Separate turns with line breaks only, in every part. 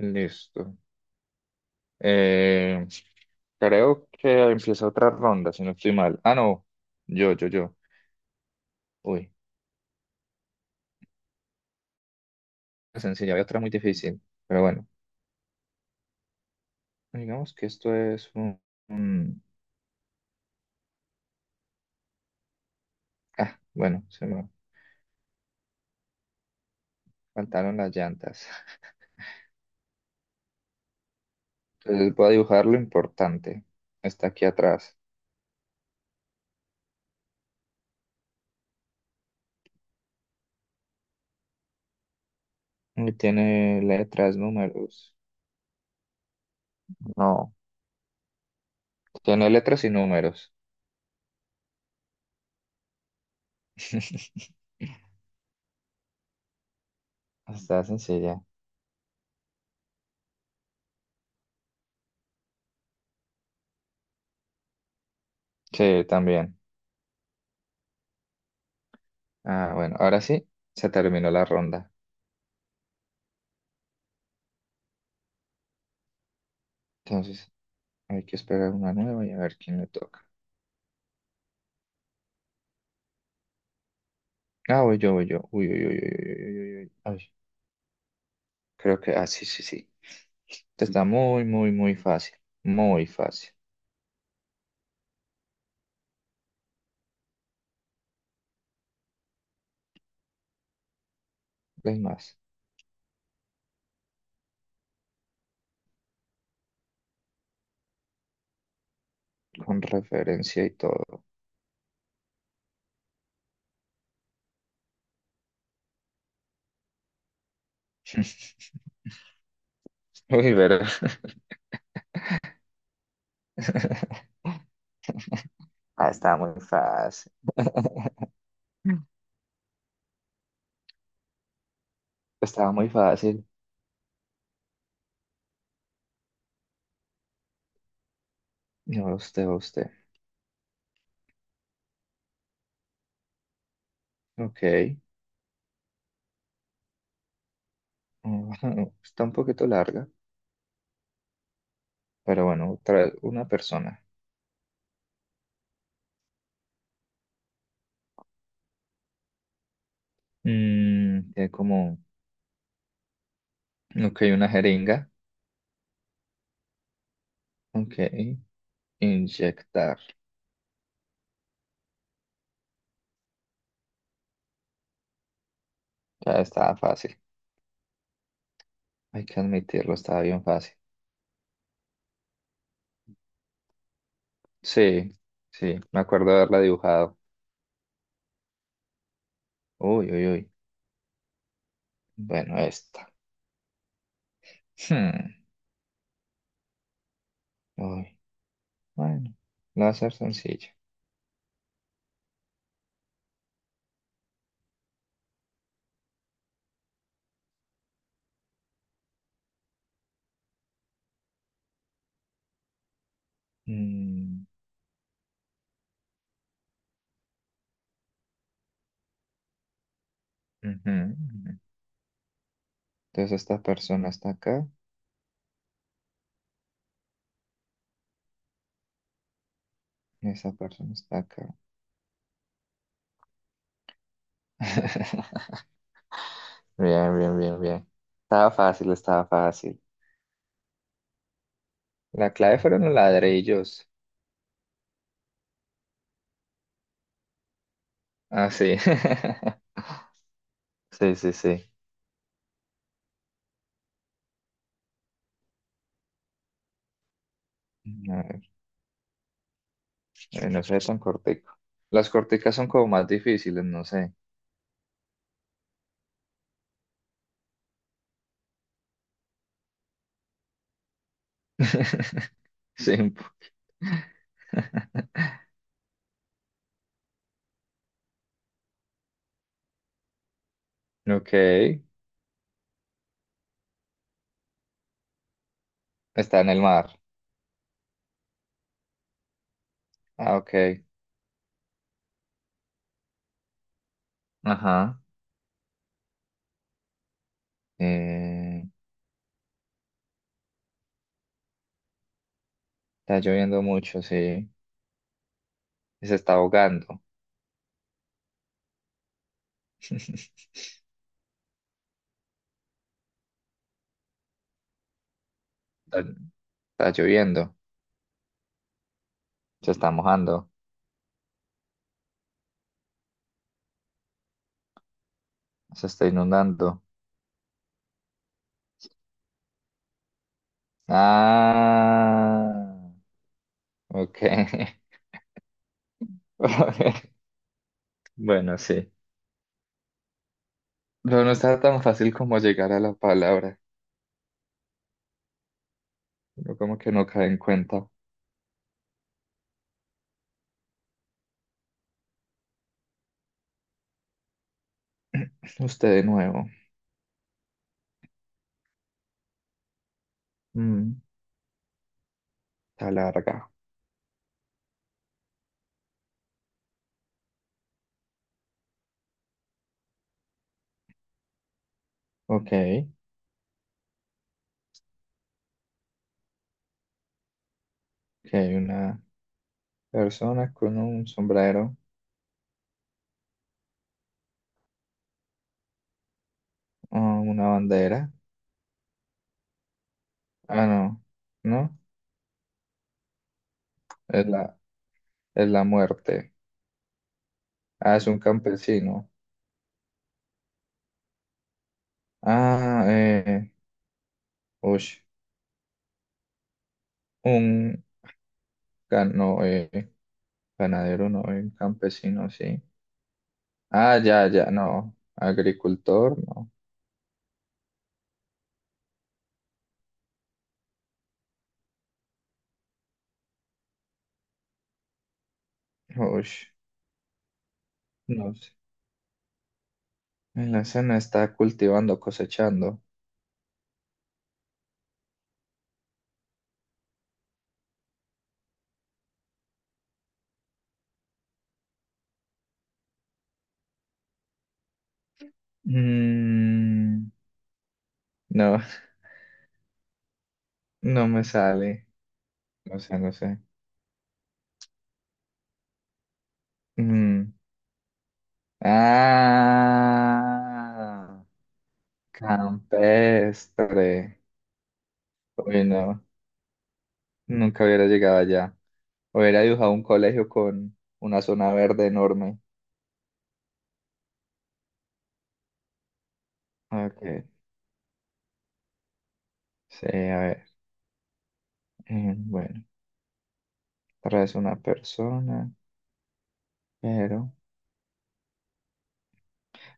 Listo. Eh, Creo que empieza otra ronda, si no estoy mal. Ah, no. Yo. Uy, la sencilla, había otra muy difícil. Pero bueno, digamos que esto es un. Ah, bueno, se me faltaron las llantas. Entonces voy a dibujar lo importante. Está aquí atrás. Y tiene letras, números. No, tiene letras y números. Está sencilla. Sí, también. Ah, bueno, ahora sí, se terminó la ronda. Entonces hay que esperar una nueva y a ver quién le toca. Ah, voy yo. Uy, uy, uy, uy, uy, uy, uy, uy. Uy. Ay, creo que, ah, sí, sí, sí. Esta Está muy, muy, muy fácil. Muy fácil. Es más, con referencia y todo. Uy, verdad. Ah, estaba muy fácil. Mm. Estaba muy fácil. No, usted. Ok. Está un poquito larga, pero bueno, otra, una persona. Tiene como Ok, una jeringa. Ok, inyectar. Ya estaba fácil. Hay que admitirlo, estaba bien fácil. Sí, sí, me acuerdo de haberla dibujado. Uy, uy, uy. Bueno, esta. Hmm, Uy, bueno, la va a ser sencilla. Mm, ujú, ujú. Entonces esta persona está acá y esa persona está acá. Bien, bien, bien, bien. Estaba fácil, estaba fácil. La clave fueron los ladrillos. Ah, sí. Sí, sí, sí. No sé tan cortico. Las corticas son como más difíciles, no sé. Sí, un. Ok. Está en el mar. Ah, ok. Ajá. Eh, Está lloviendo mucho, sí. Se está ahogando. Está, Está lloviendo. Se está mojando. Se está inundando. Ah. Ok. Bueno, sí. Pero no está tan fácil como llegar a la palabra. Pero como que no cae en cuenta. Usted de nuevo. Mm, Está larga. Ok. Que hay una persona con un sombrero o una bandera. Ah, no. ¿No? Es la, es la muerte. Ah, es un campesino. Ah, ush, Un gan- no, ganadero, no, un campesino, sí. Ah, ya, ya, no. Agricultor, no. Ush, no sé. En la escena está cultivando, cosechando. Mm, no, no me sale. No sé, no sé. Mm, Ah, campestre. Uy, no, nunca hubiera llegado allá. Hubiera dibujado un colegio con una zona verde enorme. Ok, sí, a ver. Bueno, traes una persona, pero...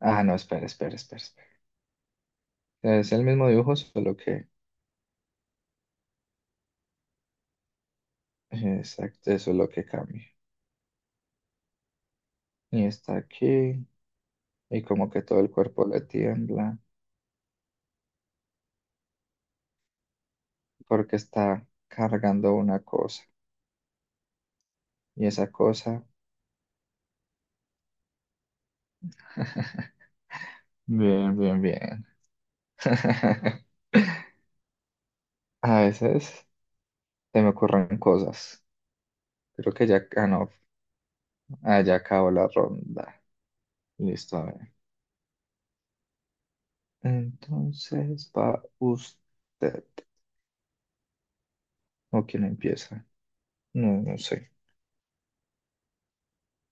Ah, no, espera. Es el mismo dibujo, solo que... Exacto, eso es lo que cambia. Y está aquí. Y como que todo el cuerpo le tiembla porque está cargando una cosa. Y esa cosa, bien, bien, bien. A veces se me ocurren cosas. Creo que ya, ah, no, ah, ya acabó la ronda. Listo, a ver. Entonces va usted. ¿O quién empieza? No, no sé.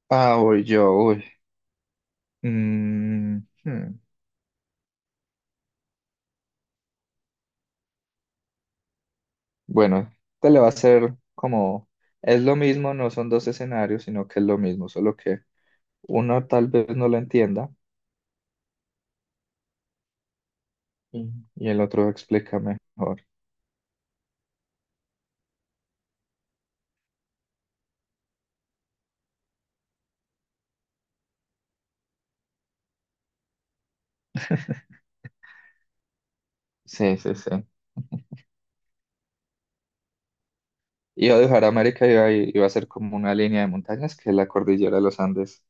Ah, voy yo, uy. Mm, hmm. Bueno, te le va a ser como, es lo mismo, no son dos escenarios, sino que es lo mismo, solo que uno tal vez no lo entienda y, y el otro explica mejor. Sí, sí, sí. Iba a dejar América y iba a ser como una línea de montañas que es la cordillera de los Andes.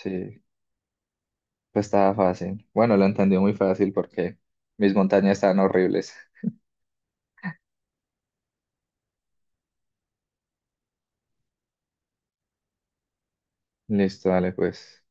Sí, pues estaba fácil. Bueno, lo entendió muy fácil porque mis montañas estaban horribles. Listo, dale, pues.